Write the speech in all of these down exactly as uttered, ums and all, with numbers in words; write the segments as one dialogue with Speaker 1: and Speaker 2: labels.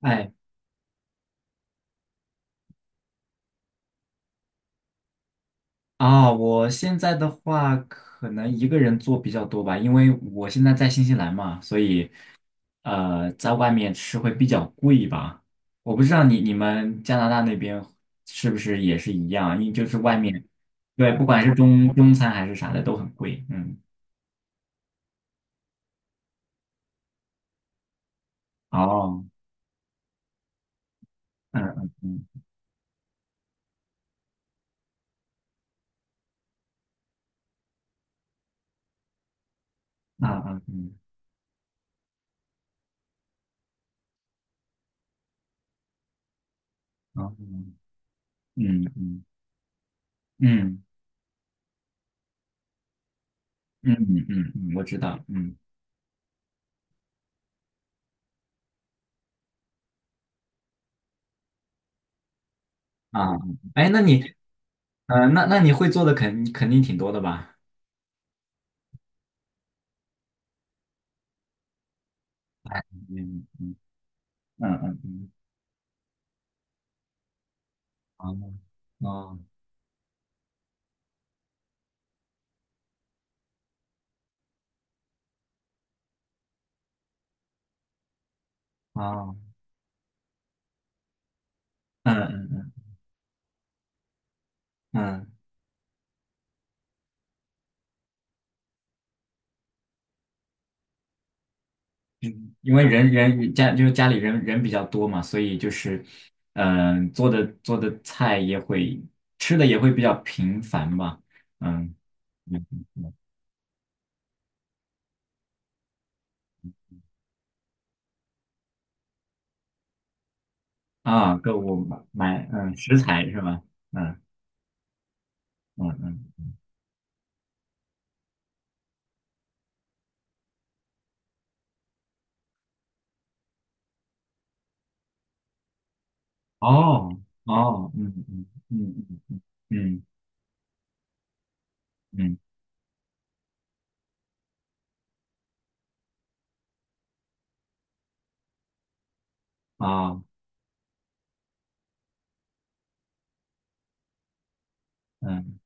Speaker 1: 哎啊，我现在的话可能一个人做比较多吧，因为我现在在新西兰嘛，所以呃，在外面吃会比较贵吧。我不知道你你们加拿大那边是不是也是一样啊，因为就是外面，对，不管是中中餐还是啥的都很贵。嗯，哦，嗯嗯嗯，啊啊嗯，哦，嗯嗯嗯嗯嗯嗯嗯，嗯我知道，嗯啊，哎，那你呃，那那你会做的肯肯定挺多的吧？嗯嗯嗯嗯嗯，哦哦哦，嗯嗯嗯，因为人人家就是家里人人比较多嘛，所以就是，嗯、做的做的菜也会吃的也会比较频繁吧，嗯嗯嗯嗯啊，购物买买嗯食材是吧？嗯嗯嗯，哦哦嗯嗯嗯嗯嗯嗯啊嗯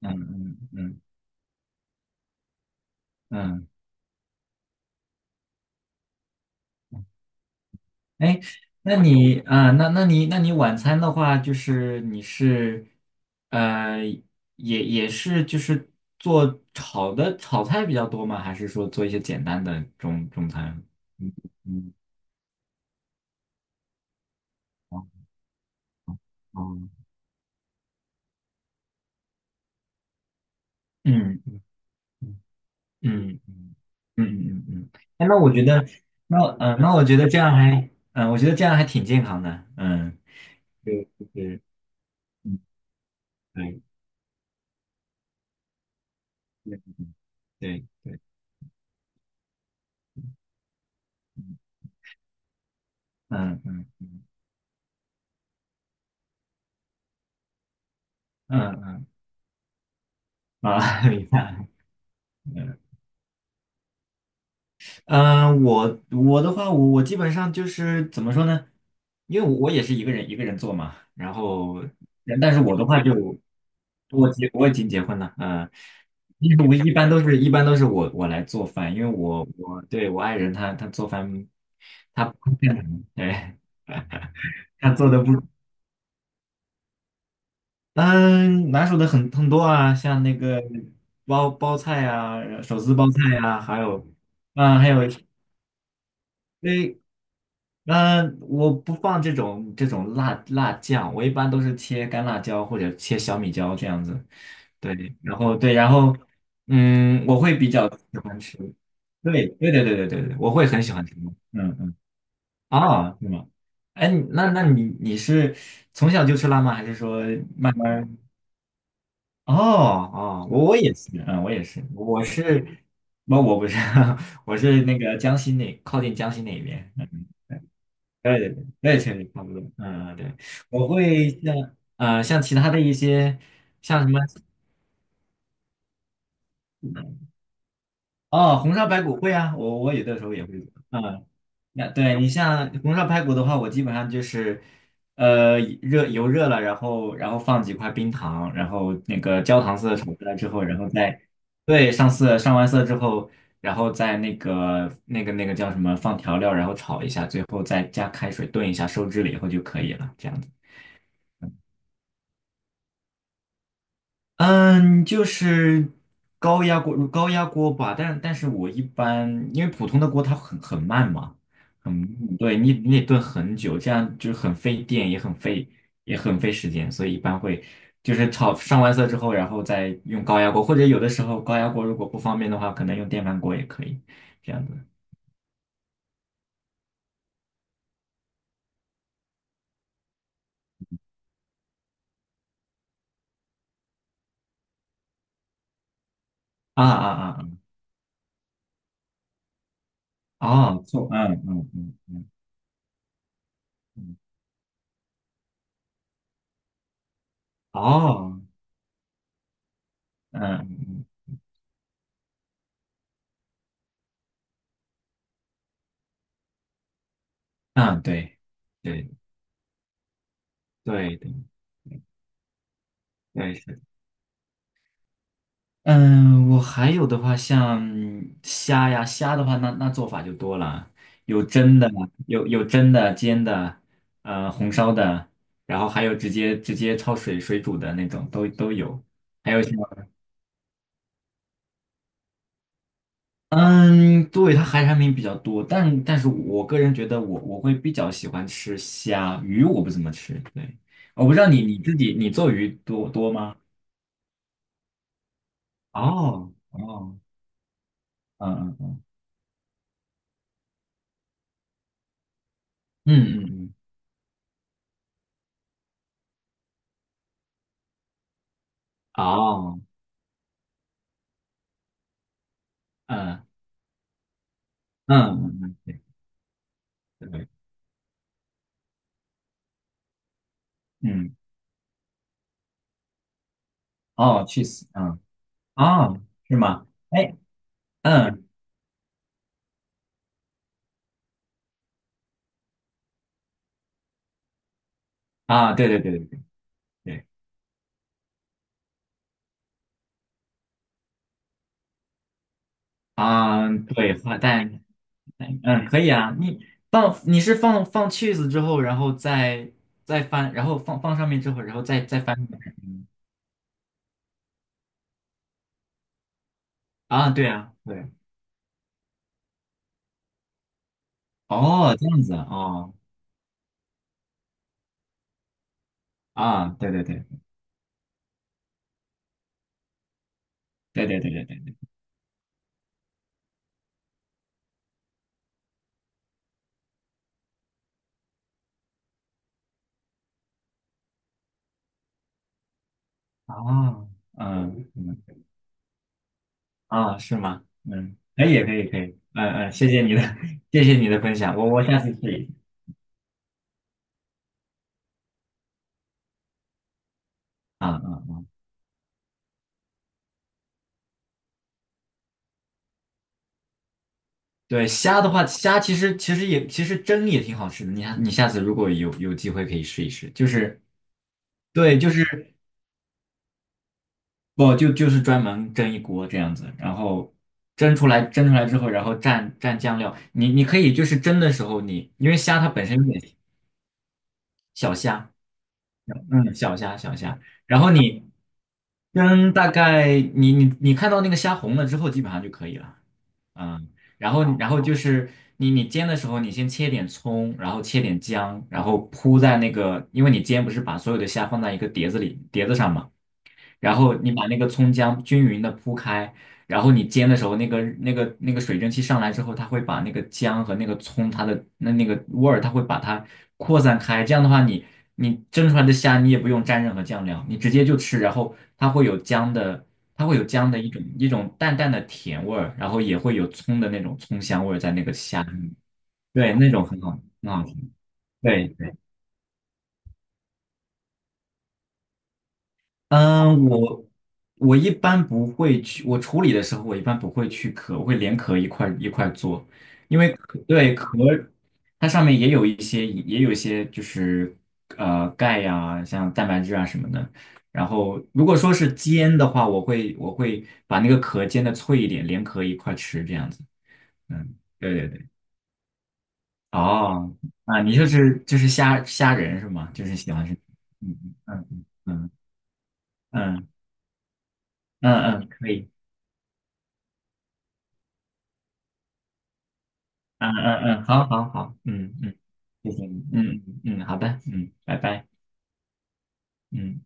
Speaker 1: 嗯嗯嗯嗯。哎，那你啊、那那你那你晚餐的话，就是你是呃，也也是就是做炒的炒菜比较多吗？还是说做一些简单的中中餐？嗯嗯哦哦嗯嗯嗯嗯嗯嗯嗯，哎，那我觉得，那嗯、呃那我觉得这样还，嗯、我觉得这样还挺健康的，嗯，对，就是嗯，对，对对对，嗯嗯嗯嗯啊，明白。嗯，我我的话，我我基本上就是怎么说呢？因为我我也是一个人一个人做嘛，然后，人，但是我的话就我结我已经结婚了，嗯、因为我一般都是一般都是我我来做饭，因为我我对我爱人他他做饭他哎他做的不嗯拿手的很很多啊，像那个包包菜啊，手撕包菜啊，还有啊、还有对，嗯，我不放这种这种辣辣酱，我一般都是切干辣椒或者切小米椒这样子。对，然后对，然后嗯，我会比较喜欢吃。对，对对对对对对，我会很喜欢吃。嗯嗯，啊，是吗？哎，你那那你你是从小就吃辣吗？还是说慢慢儿？哦哦，我我也是，嗯，我也是，我是，不，我不是，我是那个江西那靠近江西那边。嗯对对对，我也确实差不多。嗯，对，我会像呃像其他的一些像什么哦，红烧排骨会啊，我我有的时候也会做。嗯，那对你像红烧排骨的话，我基本上就是呃热油热了，然后然后放几块冰糖，然后那个焦糖色炒出来之后，然后再对上色上完色之后，然后再那个那个那个叫什么放调料，然后炒一下，最后再加开水炖一下，收汁了以后就可以了。这样。嗯，就是高压锅，高压锅吧，但但是我一般，因为普通的锅它很很慢嘛，很，嗯对你你得炖很久，这样就是很费电，也很费也很费时间，所以一般会就是炒上完色之后，然后再用高压锅，或者有的时候高压锅如果不方便的话，可能用电饭锅也可以，这样子。啊啊啊啊！哦，错，嗯嗯嗯嗯嗯，哦，嗯嗯嗯，啊对对对对。对嗯，我还有的话，像虾呀，虾的话，那那做法就多了，有蒸的，有有蒸的、煎的，呃，红烧的，然后还有直接直接焯水水煮的那种，都都有。还有什么？嗯，对，它海产品比较多，但但是我个人觉得我我会比较喜欢吃虾，鱼我不怎么吃。对，我不知道你你自己你做鱼多多吗？哦哦，嗯嗯嗯嗯嗯，哦。嗯嗯嗯，对对对，嗯，哦，去死，嗯，啊，是吗？哎，嗯，啊，对对对对对对，啊，对，花但，嗯，可以啊，你放你是放放 cheese 之后，然后再再翻，然后放放上面之后，然后再再翻一遍嗯啊，对啊，对，哦，这样子啊哦，啊，对对对对对对对对对，哦，嗯嗯，啊，是吗？嗯，可以可以可以，嗯嗯，谢谢你的 谢谢你的分享，我我下次试一下啊啊，对，虾的话，虾其实其实也其实蒸也挺好吃的。你下你下次如果有有机会可以试一试，就是对，就是不就就是专门蒸一锅这样子，然后蒸出来蒸出来之后，然后蘸蘸酱料。你你可以就是蒸的时候你，因为虾它本身有点小虾，嗯，小虾小虾，然后你蒸大概你你你看到那个虾红了之后，基本上就可以了。嗯，然后然后就是你你煎的时候，你先切点葱，然后切点姜，然后铺在那个，因为你煎不是把所有的虾放在一个碟子里碟子上嘛，然嗯后你把那个葱姜均匀的铺开，然后你煎的时候，那个那个那个水蒸气上来之后，它会把那个姜和那个葱它的那那个味儿，它会把它扩散开。这样的话你，你蒸出来的虾你也不用蘸任何酱料，你直接就吃，然后它会有姜的，它会有姜的一种一种淡淡的甜味儿，然后也会有葱的那种葱香味儿在那个虾里，对，那种很好，很好吃，对。对嗯，我我一般不会去，我处理的时候我一般不会去壳，我会连壳一块一块做，因为壳对壳它上面也有一些也有一些就是呃钙呀、像蛋白质啊什么的。然后如果说是煎的话，我会我会把那个壳煎的脆一点，连壳一块吃这样子。嗯，对对对。哦，啊，你就是就是虾虾仁是吗？就是喜欢是，嗯嗯嗯嗯嗯嗯嗯，嗯可以。嗯嗯嗯，好好好，嗯嗯，谢谢你，嗯嗯嗯，好的，嗯，拜拜，嗯。